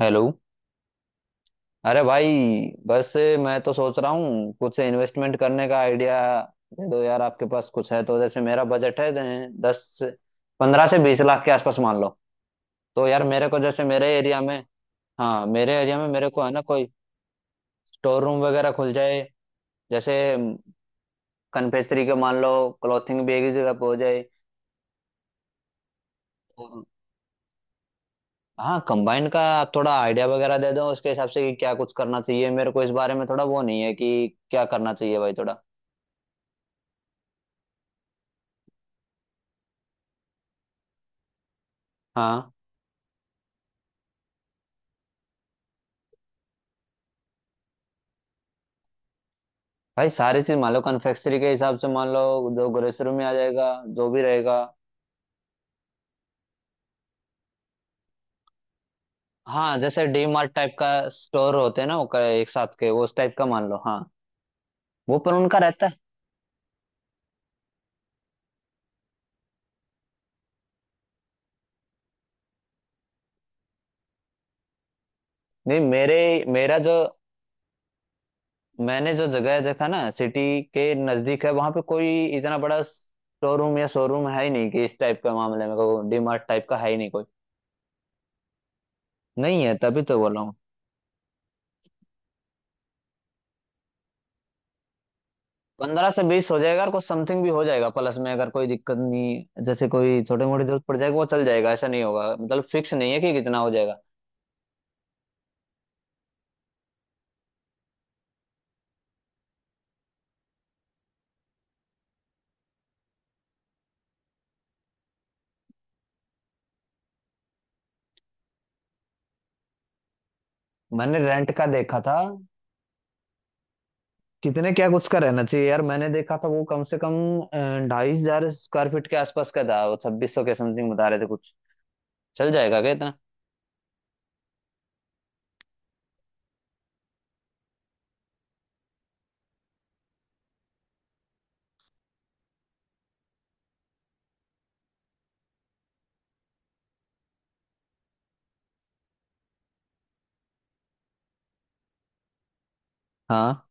Hello. अरे भाई, बस मैं तो सोच रहा हूँ कुछ इन्वेस्टमेंट करने का आइडिया दे दो यार। आपके पास कुछ है तो जैसे मेरा बजट है दस, 15 से 20 लाख के आसपास मान लो। तो यार मेरे को जैसे मेरे एरिया में, हाँ, मेरे एरिया में मेरे को है ना कोई स्टोर रूम वगैरह खुल जाए। जैसे कन्फेक्शनरी का मान लो, क्लॉथिंग भी एक ही जगह पे हो जाए, और हाँ, कंबाइंड का आप थोड़ा आइडिया वगैरह दे दो उसके हिसाब से कि क्या कुछ करना चाहिए। मेरे को इस बारे में थोड़ा वो नहीं है कि क्या करना चाहिए भाई, थोड़ा। हाँ भाई, सारी चीज मान लो, कन्फेक्शनरी के हिसाब से मान लो, जो ग्रोसरी में आ जाएगा, जो भी रहेगा। हाँ, जैसे डी मार्ट टाइप का स्टोर होते हैं ना, वो एक साथ के, वो उस टाइप का मान लो, हाँ। वो पर उनका रहता है। नहीं मेरे मेरा जो मैंने जो जगह देखा ना सिटी के नजदीक है वहां पे कोई इतना बड़ा शोरूम या शोरूम है ही नहीं कि इस टाइप का, मामले में डी मार्ट टाइप का है ही नहीं कोई। नहीं है, तभी तो बोला हूँ। 15 से 20 हो जाएगा और कुछ समथिंग भी हो जाएगा प्लस में। अगर कोई दिक्कत नहीं, जैसे कोई छोटी मोटी जरूरत पड़ जाएगी वो चल जाएगा, ऐसा नहीं होगा मतलब। फिक्स नहीं है कि कितना हो जाएगा। मैंने रेंट का देखा था। कितने क्या कुछ का रहना चाहिए यार? मैंने देखा था वो कम से कम 2,500 स्क्वायर फीट के आसपास का था। वो 2,600 के समथिंग बता रहे थे कुछ। चल जाएगा क्या इतना? हाँ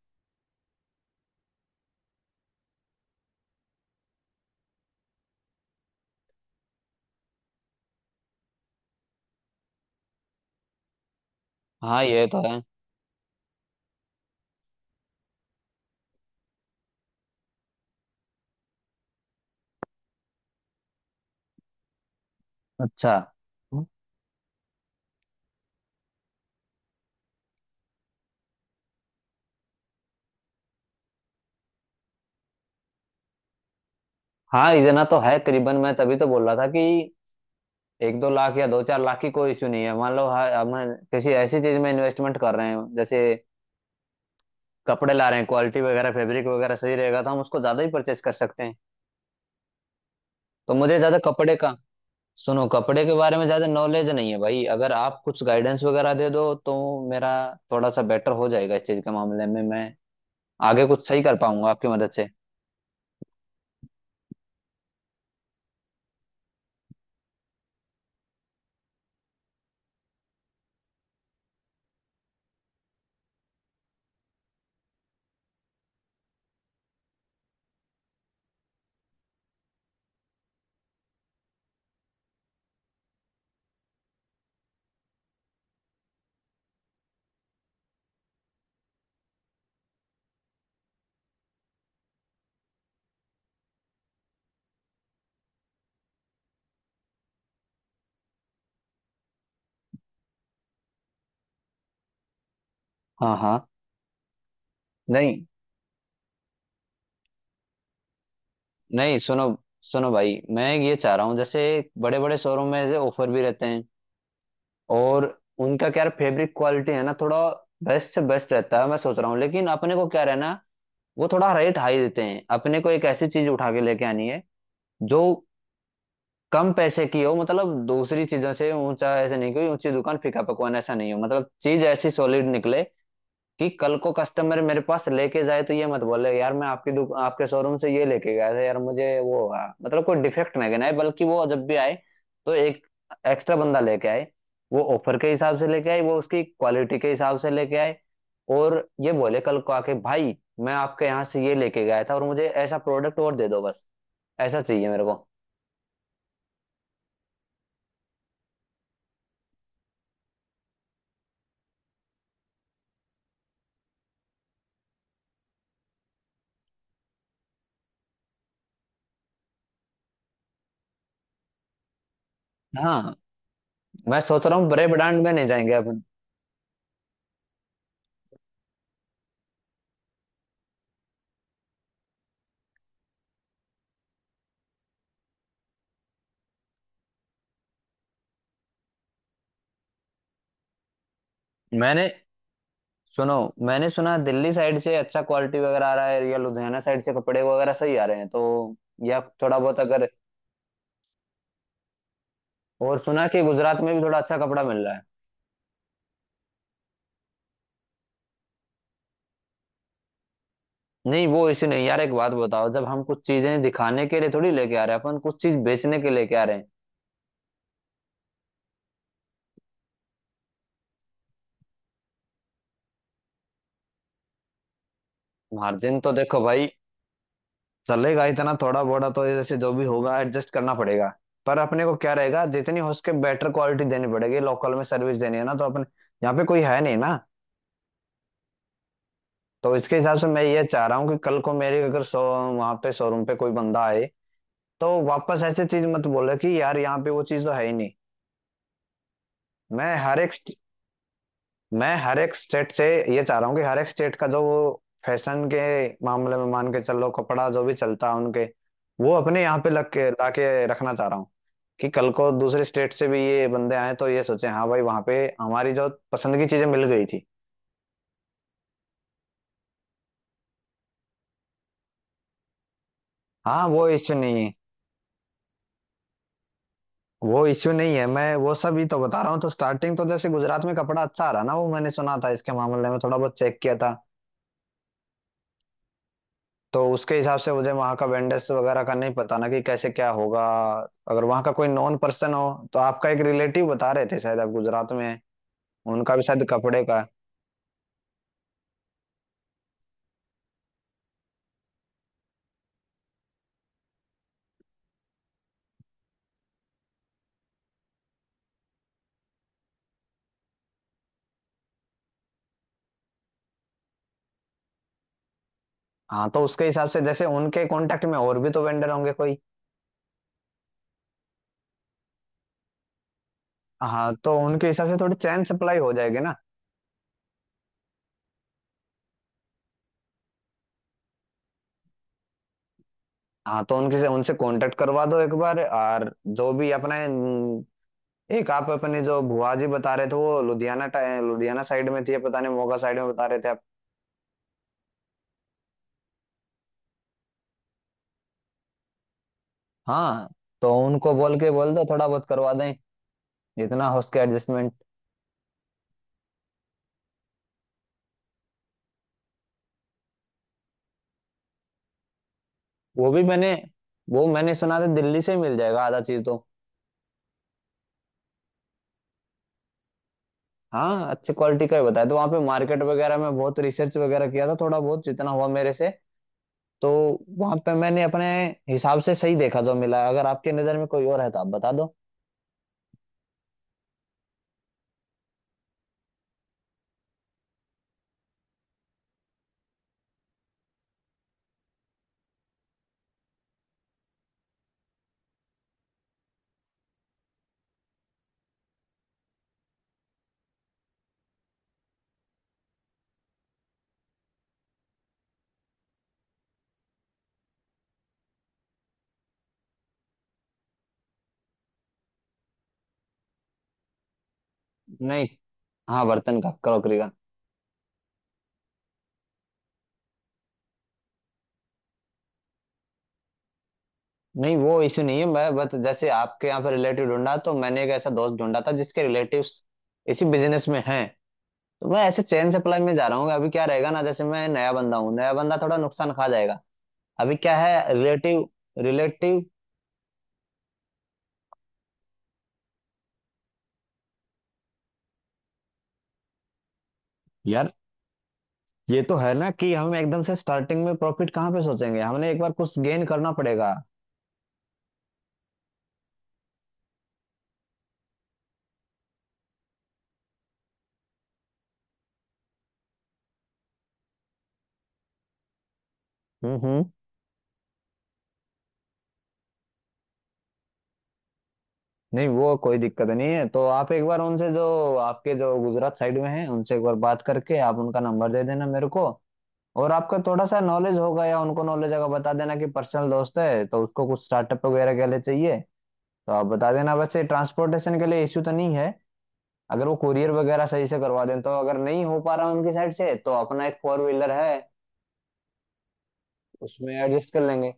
हाँ, ये तो है। अच्छा, हाँ, इतना तो है करीबन। मैं तभी तो बोल रहा था कि एक दो लाख या दो चार लाख की कोई इश्यू नहीं है मान लो। हाँ, हम किसी ऐसी चीज में इन्वेस्टमेंट कर रहे हैं, जैसे कपड़े ला रहे हैं, क्वालिटी वगैरह फैब्रिक वगैरह सही रहेगा तो हम उसको ज्यादा ही परचेज कर सकते हैं। तो मुझे ज्यादा कपड़े का, सुनो, कपड़े के बारे में ज्यादा नॉलेज नहीं है भाई। अगर आप कुछ गाइडेंस वगैरह दे दो तो मेरा थोड़ा सा बेटर हो जाएगा इस चीज के मामले में। मैं आगे कुछ सही कर पाऊंगा आपकी मदद से। हाँ हाँ। नहीं नहीं। सुनो सुनो भाई, मैं ये चाह रहा हूँ, जैसे बड़े बड़े शोरूम में ऑफर भी रहते हैं, और उनका क्या फैब्रिक क्वालिटी है ना, थोड़ा बेस्ट से बेस्ट रहता है। मैं सोच रहा हूँ, लेकिन अपने को क्या रहना, वो थोड़ा रेट हाई देते हैं। अपने को एक ऐसी चीज उठा के लेके आनी है जो कम पैसे की हो, मतलब दूसरी चीजों से ऊंचा ऐसे नहीं, कोई ऊंची दुकान फीका पकवान ऐसा नहीं हो, मतलब चीज ऐसी सॉलिड निकले कि कल को कस्टमर मेरे पास लेके जाए तो ये मत बोले यार, मैं आपके शोरूम से ये लेके गया था यार, मुझे वो हुआ मतलब, कोई डिफेक्ट ना गिनाए। बल्कि वो जब भी आए तो एक एक्स्ट्रा बंदा लेके आए, वो ऑफर के हिसाब से लेके आए, वो उसकी क्वालिटी के हिसाब से लेके आए। और ये बोले कल को आके भाई, मैं आपके यहाँ से ये लेके गया था और मुझे ऐसा प्रोडक्ट और दे दो, बस। ऐसा चाहिए मेरे को। हाँ, मैं सोच रहा हूँ बड़े ब्रांड में नहीं जाएंगे अपन। मैंने सुनो, मैंने सुना दिल्ली साइड से अच्छा क्वालिटी वगैरह आ रहा है, या लुधियाना साइड से कपड़े वगैरह सही आ रहे हैं तो, या थोड़ा बहुत अगर, और सुना कि गुजरात में भी थोड़ा अच्छा कपड़ा मिल रहा है। नहीं वो इसी नहीं यार, एक बात बताओ, जब हम कुछ चीजें दिखाने के लिए थोड़ी लेके आ रहे हैं, अपन कुछ चीज बेचने के लेके आ रहे हैं। मार्जिन तो देखो भाई, चलेगा इतना थोड़ा बोड़ा तो, ये जैसे जो भी होगा एडजस्ट करना पड़ेगा। पर अपने को क्या रहेगा, जितनी हो सके बेटर क्वालिटी देनी पड़ेगी, लोकल में सर्विस देनी है ना, तो अपने यहाँ पे कोई है नहीं ना। तो इसके हिसाब से मैं ये चाह रहा हूँ कि कल को मेरे, अगर शो वहां पे शोरूम पे कोई बंदा आए तो वापस ऐसी चीज मत बोले कि यार यहाँ पे वो चीज तो है ही नहीं। मैं हर एक स्ट- मैं हर एक स्टेट से ये चाह रहा हूँ कि हर एक स्टेट का जो वो फैशन के मामले में, मान के चलो, कपड़ा जो भी चलता है उनके, वो अपने यहाँ पे लग के ला के रखना चाह रहा हूँ, कि कल को दूसरे स्टेट से भी ये बंदे आए तो ये सोचे हाँ भाई, वहाँ पे हमारी जो पसंद की चीजें मिल गई थी। हाँ, वो इश्यू नहीं है, वो इश्यू नहीं है, मैं वो सब ही तो बता रहा हूँ। तो स्टार्टिंग तो जैसे गुजरात में कपड़ा अच्छा आ रहा ना, वो मैंने सुना था, इसके मामले में थोड़ा बहुत चेक किया था। तो उसके हिसाब से मुझे वहाँ का वेंडर्स वगैरह का नहीं पता ना कि कैसे क्या होगा। अगर वहाँ का कोई नॉन पर्सन हो तो, आपका एक रिलेटिव बता रहे थे शायद आप गुजरात में हैं, उनका भी शायद कपड़े का है। हाँ, तो उसके हिसाब से जैसे उनके कांटेक्ट में और भी तो वेंडर होंगे कोई। हाँ, तो उनके हिसाब से थोड़ी चैन सप्लाई हो जाएगी ना। हाँ, तो उनके से उनसे कांटेक्ट करवा दो एक बार, और जो भी अपने, एक आप अपने जो भुआ जी बता रहे थे वो लुधियाना साइड में थी या पता नहीं, मोगा साइड में बता रहे थे आप। हाँ तो उनको बोल के बोल दो थोड़ा बहुत करवा दें, जितना हो सके एडजस्टमेंट। वो भी मैंने वो मैंने सुना था दिल्ली से ही मिल जाएगा आधा चीज तो। हाँ, अच्छी क्वालिटी का ही बताया, तो वहाँ पे मार्केट वगैरह में बहुत रिसर्च वगैरह किया था थोड़ा बहुत, जितना हुआ मेरे से। तो वहाँ पे मैंने अपने हिसाब से सही देखा जो मिला, अगर आपके नज़र में कोई और है तो आप बता दो। नहीं, हाँ, बर्तन का क्रॉकरी का, नहीं वो इशू नहीं है। मैं बस, जैसे आपके यहाँ पे रिलेटिव ढूंढा, तो मैंने एक ऐसा दोस्त ढूंढा था जिसके रिलेटिव्स इसी बिजनेस में हैं, तो मैं ऐसे चैन सप्लाई में जा रहा हूँ। अभी क्या रहेगा ना, जैसे मैं नया बंदा हूँ, नया बंदा थोड़ा नुकसान खा जाएगा। अभी क्या है, रिलेटिव रिलेटिव यार, ये तो है ना कि हम एकदम से स्टार्टिंग में प्रॉफिट कहाँ पे सोचेंगे, हमने एक बार कुछ गेन करना पड़ेगा। हम्म, नहीं वो कोई दिक्कत नहीं है। तो आप एक बार उनसे जो आपके जो गुजरात साइड में हैं उनसे एक बार बात करके आप उनका नंबर दे देना मेरे को। और आपका थोड़ा सा नॉलेज होगा या उनको नॉलेज होगा, बता देना कि पर्सनल दोस्त है तो उसको कुछ स्टार्टअप वगैरह के लिए चाहिए, तो आप बता देना। वैसे ट्रांसपोर्टेशन के लिए इश्यू तो नहीं है, अगर वो कुरियर वगैरह सही से करवा दें तो। अगर नहीं हो पा रहा उनकी साइड से तो अपना एक फोर व्हीलर है, उसमें एडजस्ट कर लेंगे।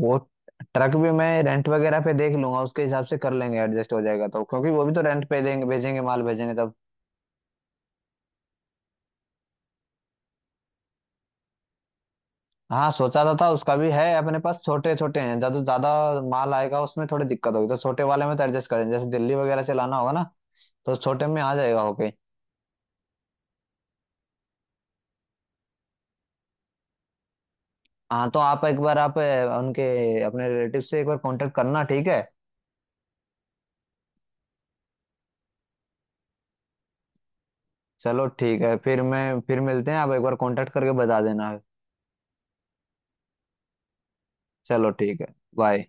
वो ट्रक भी मैं रेंट वगैरह पे देख लूंगा, उसके हिसाब से कर लेंगे, एडजस्ट हो जाएगा तो, क्योंकि वो भी तो रेंट पे देंगे, भेजेंगे माल भेजेंगे तब। हाँ, सोचा तो था उसका भी है अपने पास, छोटे छोटे हैं। ज्यादा ज्यादा माल आएगा उसमें थोड़ी दिक्कत होगी तो, छोटे वाले में तो एडजस्ट करें, जैसे दिल्ली वगैरह से लाना होगा ना, तो छोटे में आ जाएगा। ओके। हाँ, तो आप एक बार उनके, अपने रिलेटिव से एक बार कांटेक्ट करना, ठीक है? चलो ठीक है, फिर मिलते हैं। आप एक बार कांटेक्ट करके बता देना। चलो ठीक है, बाय।